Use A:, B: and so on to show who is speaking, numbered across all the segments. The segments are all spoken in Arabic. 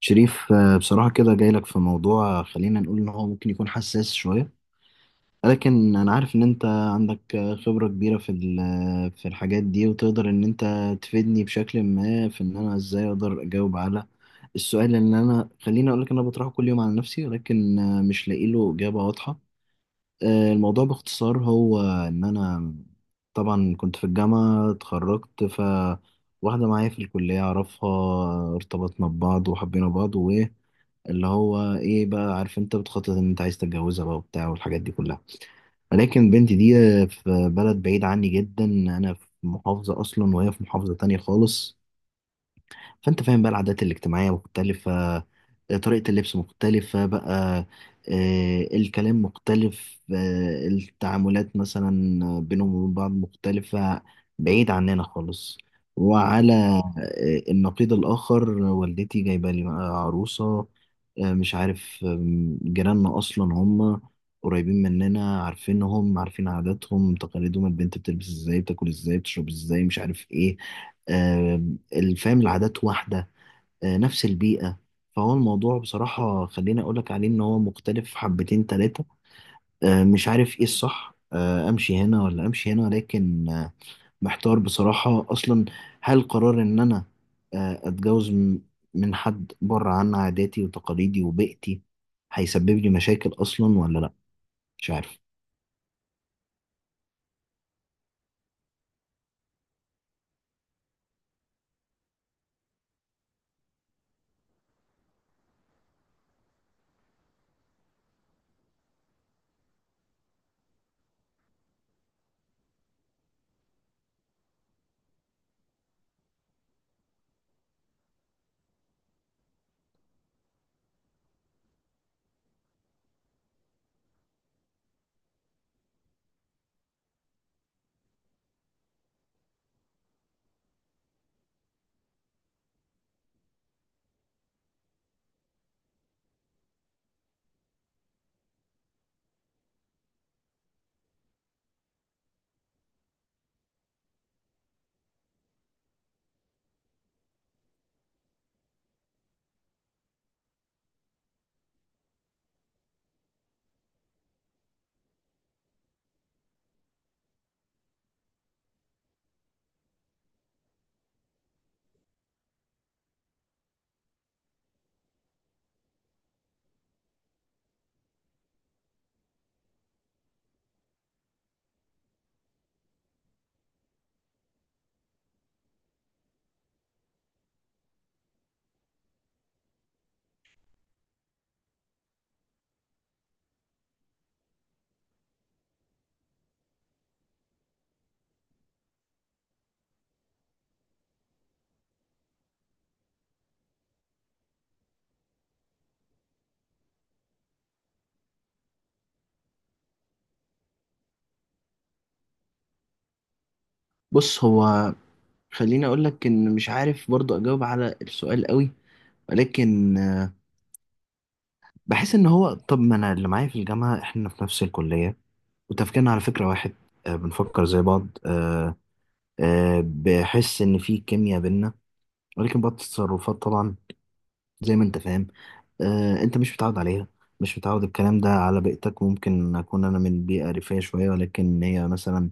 A: شريف، بصراحة كده جاي لك في موضوع، خلينا نقول إن هو ممكن يكون حساس شوية، ولكن أنا عارف إن أنت عندك خبرة كبيرة في ال- آه، في الحاجات دي وتقدر إن أنت تفيدني بشكل ما في إن أنا إزاي أقدر أجاوب على السؤال اللي أنا خليني أقول لك إن أنا بطرحه كل يوم على نفسي، ولكن مش لاقي له إجابة واضحة. الموضوع باختصار هو إن أنا طبعا كنت في الجامعة اتخرجت، ف واحدة معايا في الكلية أعرفها ارتبطنا ببعض وحبينا بعض، اللي هو ايه بقى، عارف انت بتخطط ان انت عايز تتجوزها بقى وبتاع والحاجات دي كلها. ولكن بنتي دي في بلد بعيد عني جدا، انا في محافظة اصلا وهي في محافظة تانية خالص، فانت فاهم بقى العادات الاجتماعية مختلفة، طريقة اللبس مختلفة بقى، الكلام مختلف، التعاملات مثلا بينهم وبين بعض مختلفة، بعيد عننا خالص، وعلى النقيض الآخر والدتي جايبة لي بقى عروسة. مش عارف، جيراننا أصلا هم قريبين مننا، عارفينهم، عارفين عاداتهم تقاليدهم، البنت بتلبس ازاي بتاكل ازاي بتشرب ازاي مش عارف ايه. آه، الفهم، العادات واحدة، نفس البيئة. فهو الموضوع بصراحة خليني أقولك عليه إن هو مختلف حبتين تلاتة. مش عارف إيه الصح، أمشي هنا ولا أمشي هنا، لكن محتار بصراحة أصلا. هل قرار إن أنا أتجوز من حد بره عن عاداتي وتقاليدي وبيئتي هيسبب لي مشاكل أصلا ولا لأ؟ مش عارف. بص، هو خليني أقولك إن مش عارف برضه أجاوب على السؤال قوي، ولكن بحس ان هو، طب ما انا اللي معايا في الجامعه احنا في نفس الكليه وتفكيرنا على فكره واحد، بنفكر زي بعض، بحس ان في كيمياء بينا. ولكن بعض التصرفات طبعا، زي ما انت فاهم، انت مش متعود عليها، مش متعود الكلام ده على بيئتك. ممكن اكون انا من بيئه ريفيه شويه، ولكن هي مثلا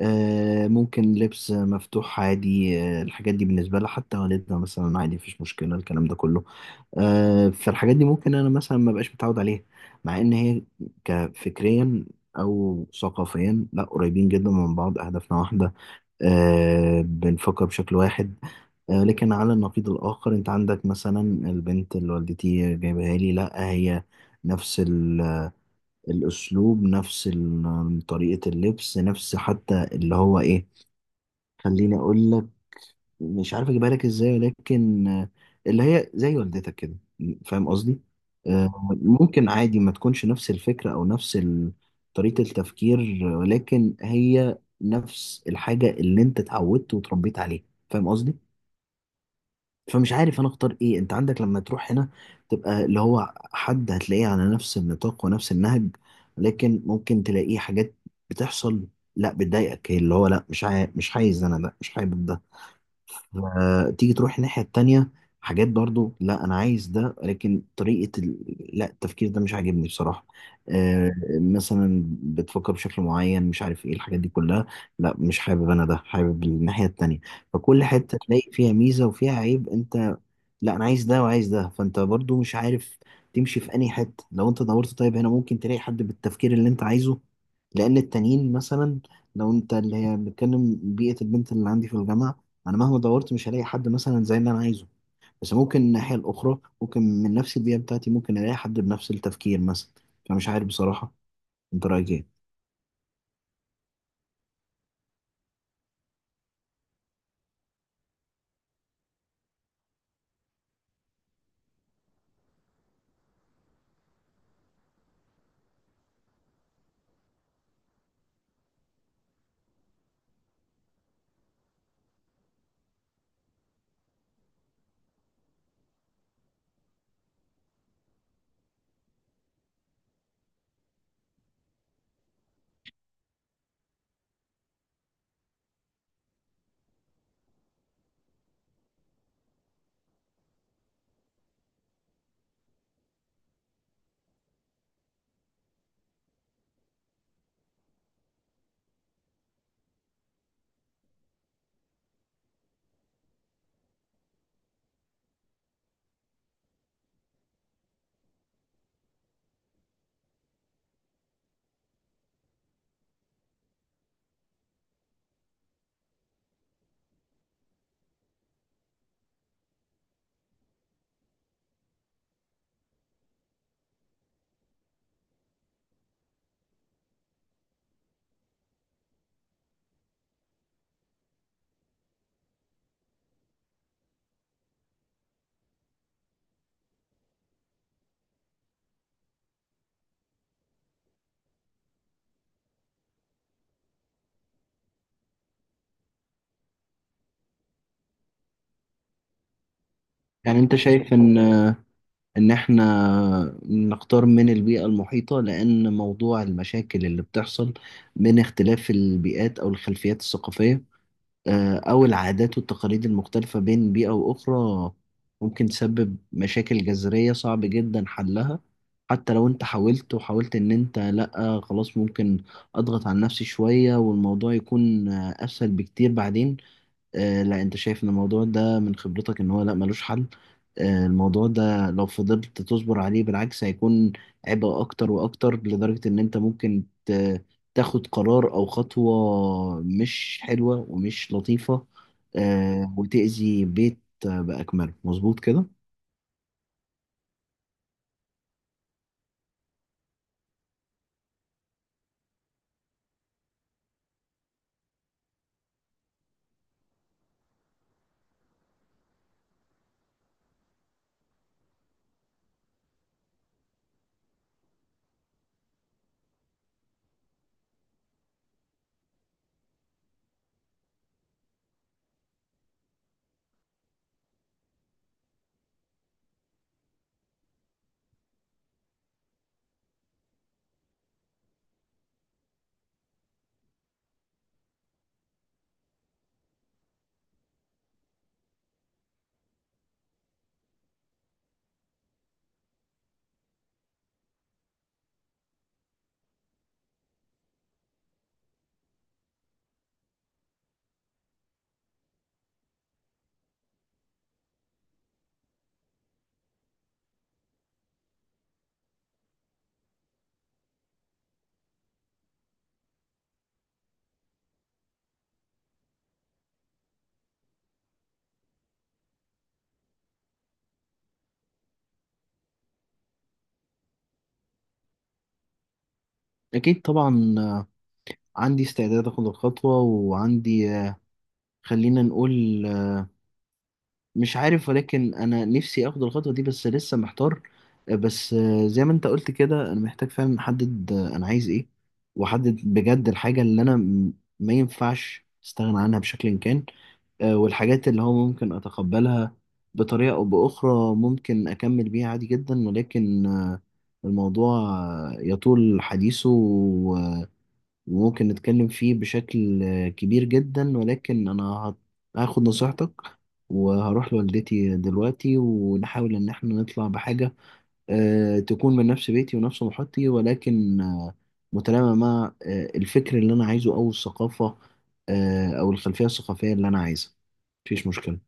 A: ممكن لبس مفتوح عادي، الحاجات دي بالنسبه لها حتى والدها مثلا عادي، مفيش مشكله الكلام ده كله. فالحاجات دي ممكن انا مثلا ما بقاش متعود عليها، مع ان هي كفكريا او ثقافيا لا، قريبين جدا من بعض، اهدافنا واحده، بنفكر بشكل واحد. لكن على النقيض الآخر، أنت عندك مثلا البنت اللي والدتي جايبها لي، لا هي نفس الأسلوب، نفس طريقة اللبس، نفس، حتى اللي هو إيه، خليني أقول لك، مش عارف اجيبها لك ازاي، لكن اللي هي زي والدتك كده، فاهم قصدي؟ آه، ممكن عادي ما تكونش نفس الفكرة او نفس طريقة التفكير، ولكن هي نفس الحاجة اللي انت اتعودت وتربيت عليها، فاهم قصدي؟ فمش عارف انا اختار ايه. انت عندك لما تروح هنا تبقى اللي هو حد هتلاقيه على نفس النطاق ونفس النهج، لكن ممكن تلاقيه حاجات بتحصل، لا بتضايقك، اللي هو لا، مش عايز انا ده، مش حابب ده. تيجي تروح الناحية التانية، حاجات برضو لا انا عايز ده، لكن طريقة لا، التفكير ده مش عاجبني بصراحة. آه مثلا بتفكر بشكل معين مش عارف ايه الحاجات دي كلها، لا مش حابب انا ده، حابب الناحية التانية. فكل حتة تلاقي فيها ميزة وفيها عيب، انت لا انا عايز ده وعايز ده، فانت برضو مش عارف تمشي في انهي حته. لو انت دورت، طيب هنا ممكن تلاقي حد بالتفكير اللي انت عايزه، لان التانيين مثلا، لو انت اللي هي بنتكلم بيئه البنت اللي عندي في الجامعه، انا مهما دورت مش هلاقي حد مثلا زي اللي انا عايزه. بس ممكن الناحيه الاخرى، ممكن من نفس البيئه بتاعتي ممكن الاقي حد بنفس التفكير مثلا. فمش عارف بصراحه، انت رايك ايه؟ يعني انت شايف ان، ان احنا نختار من البيئة المحيطة، لان موضوع المشاكل اللي بتحصل من اختلاف البيئات او الخلفيات الثقافية، او العادات والتقاليد المختلفة بين بيئة واخرى، ممكن تسبب مشاكل جذرية صعب جدا حلها، حتى لو انت حاولت وحاولت ان انت لا خلاص ممكن اضغط على نفسي شوية والموضوع يكون اسهل بكتير بعدين. لا، انت شايف ان الموضوع ده من خبرتك ان هو لا ملوش حل، الموضوع ده لو فضلت تصبر عليه بالعكس هيكون عبء اكتر واكتر، لدرجة ان انت ممكن تاخد قرار او خطوة مش حلوة ومش لطيفة، وتأذي بيت بأكمله، مظبوط كده؟ اكيد طبعا. عندي استعداد اخد الخطوة، وعندي خلينا نقول، مش عارف، ولكن انا نفسي اخد الخطوه دي، بس لسه محتار. بس زي ما انت قلت كده، انا محتاج فعلا احدد انا عايز ايه، واحدد بجد الحاجه اللي انا ما ينفعش استغنى عنها بشكل كان، والحاجات اللي هو ممكن اتقبلها بطريقه او باخرى ممكن اكمل بيها عادي جدا، ولكن الموضوع يطول حديثه، ممكن نتكلم فيه بشكل كبير جدا. ولكن أنا هاخد نصيحتك، وهروح لوالدتي دلوقتي ونحاول إن احنا نطلع بحاجة تكون من نفس بيتي ونفس محيطي، ولكن متلائمة مع الفكر اللي أنا عايزه أو الثقافة، أو الخلفية الثقافية اللي أنا عايزها. مفيش مشكلة.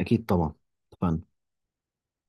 A: أكيد طبعا. اتفقنا.